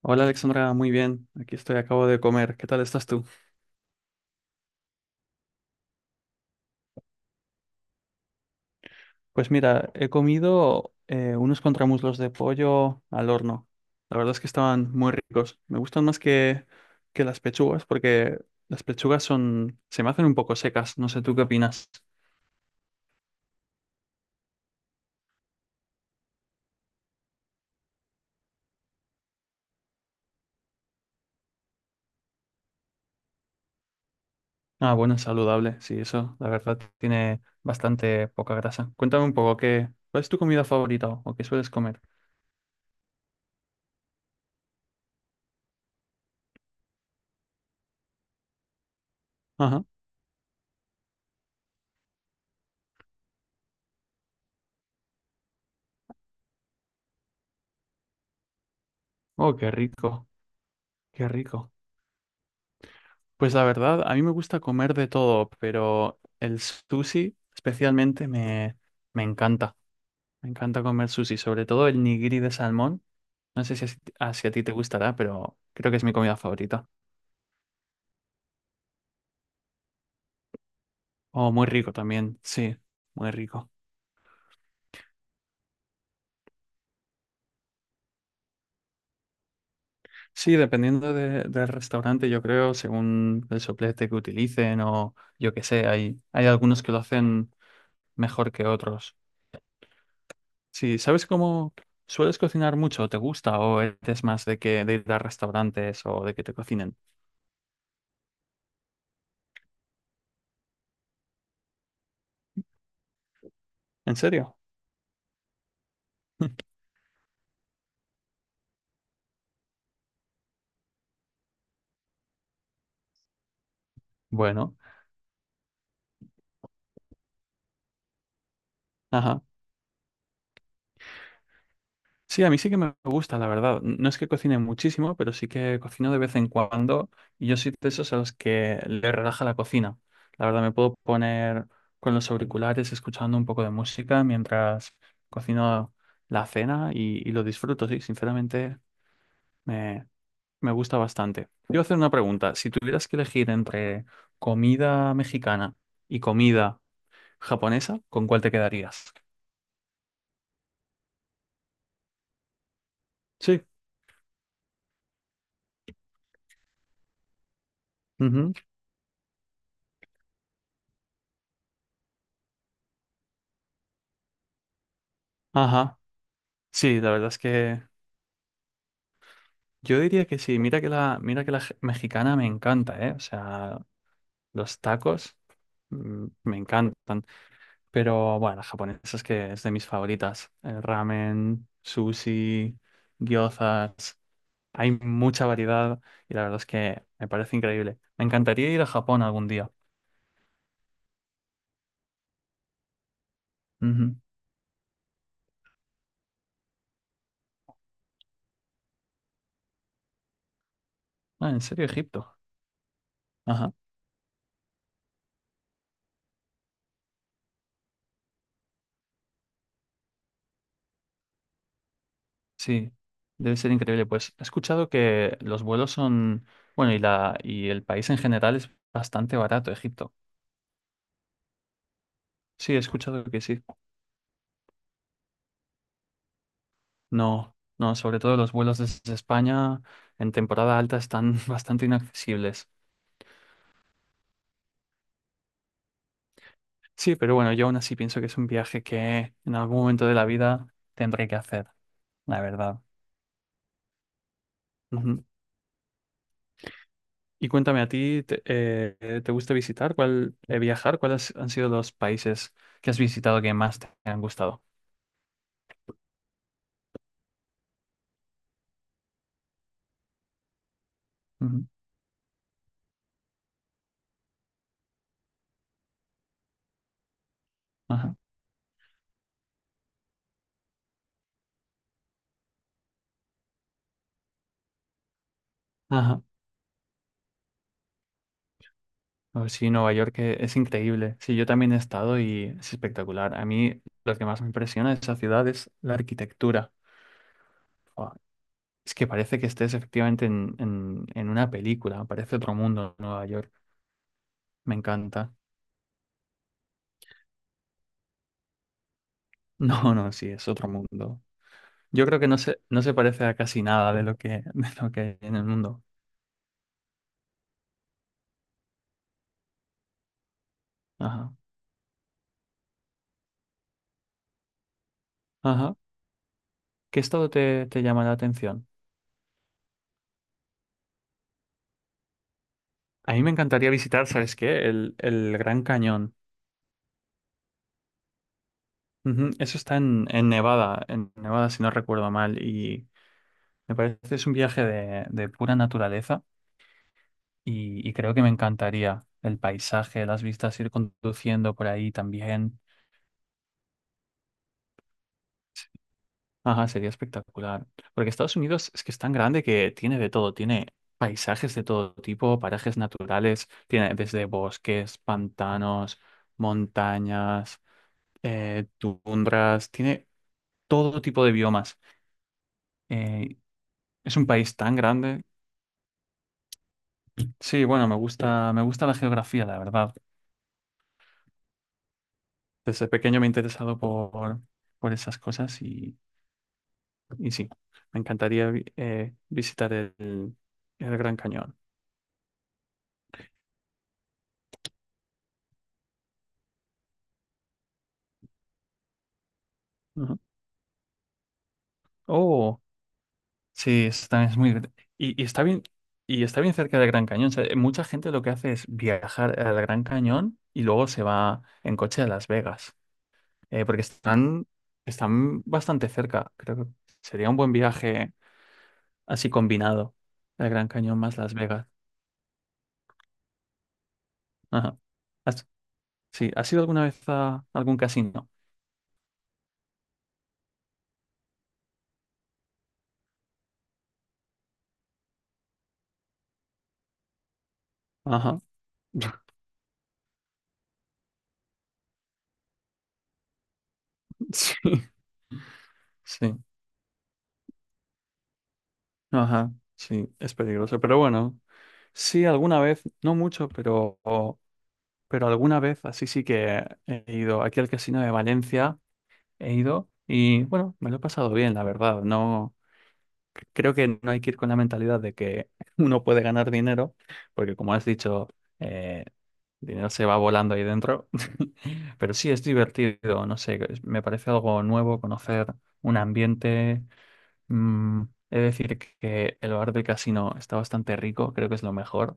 Hola Alexandra, muy bien. Aquí estoy, acabo de comer. ¿Qué tal estás tú? Pues mira, he comido unos contramuslos de pollo al horno. La verdad es que estaban muy ricos. Me gustan más que las pechugas porque las pechugas son, se me hacen un poco secas. No sé tú qué opinas. Ah, bueno, es saludable. Sí, eso, la verdad, tiene bastante poca grasa. Cuéntame un poco, ¿ cuál es tu comida favorita o qué sueles comer? Ajá. Oh, qué rico, qué rico. Pues la verdad, a mí me gusta comer de todo, pero el sushi especialmente me encanta. Me encanta comer sushi, sobre todo el nigiri de salmón. No sé si si a ti te gustará, pero creo que es mi comida favorita. Oh, muy rico también, sí, muy rico. Sí, dependiendo del restaurante, yo creo, según el soplete que utilicen o yo qué sé, hay algunos que lo hacen mejor que otros. Sí, ¿sabes cómo sueles cocinar mucho? ¿Te gusta? ¿O eres más de que de ir a restaurantes o de que te cocinen? ¿En serio? Bueno, ajá. Sí, a mí sí que me gusta, la verdad. No es que cocine muchísimo, pero sí que cocino de vez en cuando y yo soy de esos a los que le relaja la cocina. La verdad, me puedo poner con los auriculares escuchando un poco de música mientras cocino la cena y lo disfruto, sí, sinceramente me me gusta bastante. Te iba a hacer una pregunta. Si tuvieras que elegir entre comida mexicana y comida japonesa, ¿con cuál te quedarías? Sí. Ujú. Ajá. Sí, la verdad es que yo diría que sí. Mira que la mexicana me encanta, ¿eh? O sea, los tacos me encantan. Pero bueno, la japonesa es que es de mis favoritas. El ramen, sushi, gyozas. Hay mucha variedad y la verdad es que me parece increíble. Me encantaría ir a Japón algún día. Ujú. Ah, ¿en serio, Egipto? Ajá, sí. Debe ser increíble. Pues he escuchado que los vuelos son, bueno, y la y el país en general es bastante barato, Egipto. Sí, he escuchado que sí. No, no, sobre todo los vuelos desde España en temporada alta están bastante inaccesibles. Sí, pero bueno, yo aún así pienso que es un viaje que en algún momento de la vida tendré que hacer, la verdad. Ujú. Y cuéntame, ¿ te gusta visitar? ¿ viajar? ¿Cuáles han sido los países que has visitado que más te han gustado? Ujú. Ajá. Ajá. Oh, sí, Nueva York es increíble. Sí, yo también he estado y es espectacular. A mí lo que más me impresiona de esa ciudad es la arquitectura. Buah, es que parece que estés efectivamente en una película. Parece otro mundo Nueva York. Me encanta. No, no, sí, es otro mundo. Yo creo que no se parece a casi nada de lo que, de lo que hay en el mundo. Ajá. Ajá. ¿Qué estado te llama la atención? A mí me encantaría visitar, ¿sabes qué? El Gran Cañón. Ujú, eso está en Nevada, si no recuerdo mal. Y me parece que es un viaje de pura naturaleza y creo que me encantaría el paisaje, las vistas, ir conduciendo por ahí también. Ajá, sería espectacular. Porque Estados Unidos es que es tan grande que tiene de todo, tiene paisajes de todo tipo, parajes naturales, tiene desde bosques, pantanos, montañas. Tundras, tiene todo tipo de biomas. Eh, es un país tan grande. Sí, bueno, me gusta la geografía, la verdad. Desde pequeño me he interesado por esas cosas y sí, me encantaría visitar el Gran Cañón. Ujú. Oh, sí, es, también es muy... y, y está bien cerca del Gran Cañón. O sea, mucha gente lo que hace es viajar al Gran Cañón y luego se va en coche a Las Vegas. Porque están bastante cerca. Creo que sería un buen viaje así combinado, el Gran Cañón más Las Vegas. Ajá. ¿Has, sí, ¿Has ido alguna vez a algún casino? Ajá. Sí, sí. Ajá. Sí, es peligroso. Pero bueno, sí, alguna vez, no mucho, pero alguna vez así sí que he ido aquí al casino de Valencia, he ido y bueno, me lo he pasado bien, la verdad. No. Creo que no hay que ir con la mentalidad de que uno puede ganar dinero, porque como has dicho, eh, el dinero se va volando ahí dentro. Pero sí es divertido, no sé, me parece algo nuevo conocer un ambiente. mm, He de decir que el bar del casino está bastante rico, creo que es lo mejor,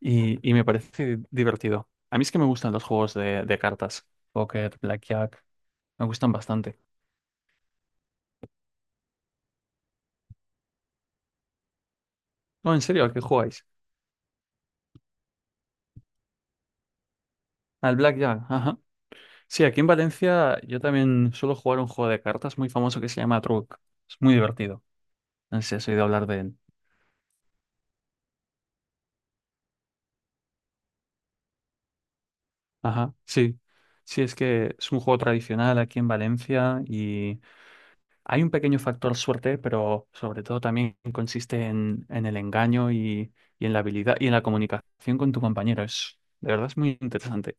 y me parece divertido. A mí es que me gustan los juegos de cartas, póker, blackjack, me gustan bastante. No, en serio, ¿a qué jugáis? Al blackjack, ajá. Sí, aquí en Valencia yo también suelo jugar un juego de cartas muy famoso que se llama Truc. Es muy divertido. No sé si has oído hablar de él. Ajá, sí. Sí, es que es un juego tradicional aquí en Valencia y hay un pequeño factor suerte, pero sobre todo también consiste en el engaño y en la habilidad y en la comunicación con tu compañero. Es, de verdad es muy interesante.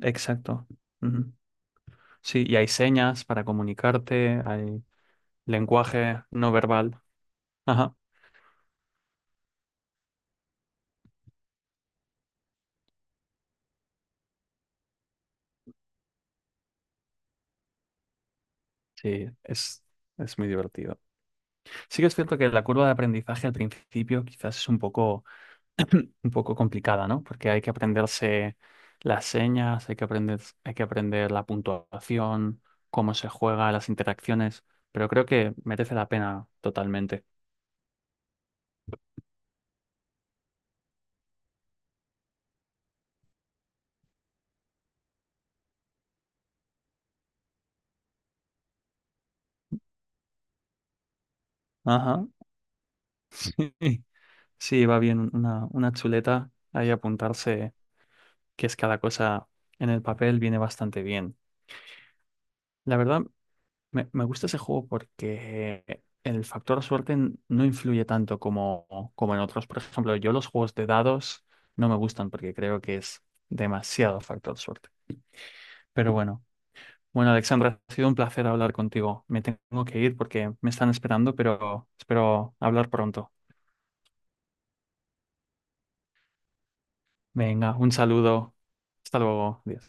Exacto. Ujú. Sí, y hay señas para comunicarte, hay lenguaje no verbal. Ajá. Sí, es, es muy divertido. Sí que es cierto que la curva de aprendizaje al principio quizás es un poco, un poco complicada, ¿no? Porque hay que aprenderse las señas, hay que aprender la puntuación, cómo se juega, las interacciones, pero creo que merece la pena totalmente. Ajá. Sí, sí, va bien una chuleta ahí apuntarse qué es cada cosa en el papel, viene bastante bien. La verdad, me gusta ese juego porque el factor suerte no influye tanto como, como en otros. Por ejemplo, yo los juegos de dados no me gustan porque creo que es demasiado factor suerte. Pero bueno, Alexandra, ha sido un placer hablar contigo. Me tengo que ir porque me están esperando, pero espero hablar pronto. Venga, un saludo. Hasta luego. Adiós.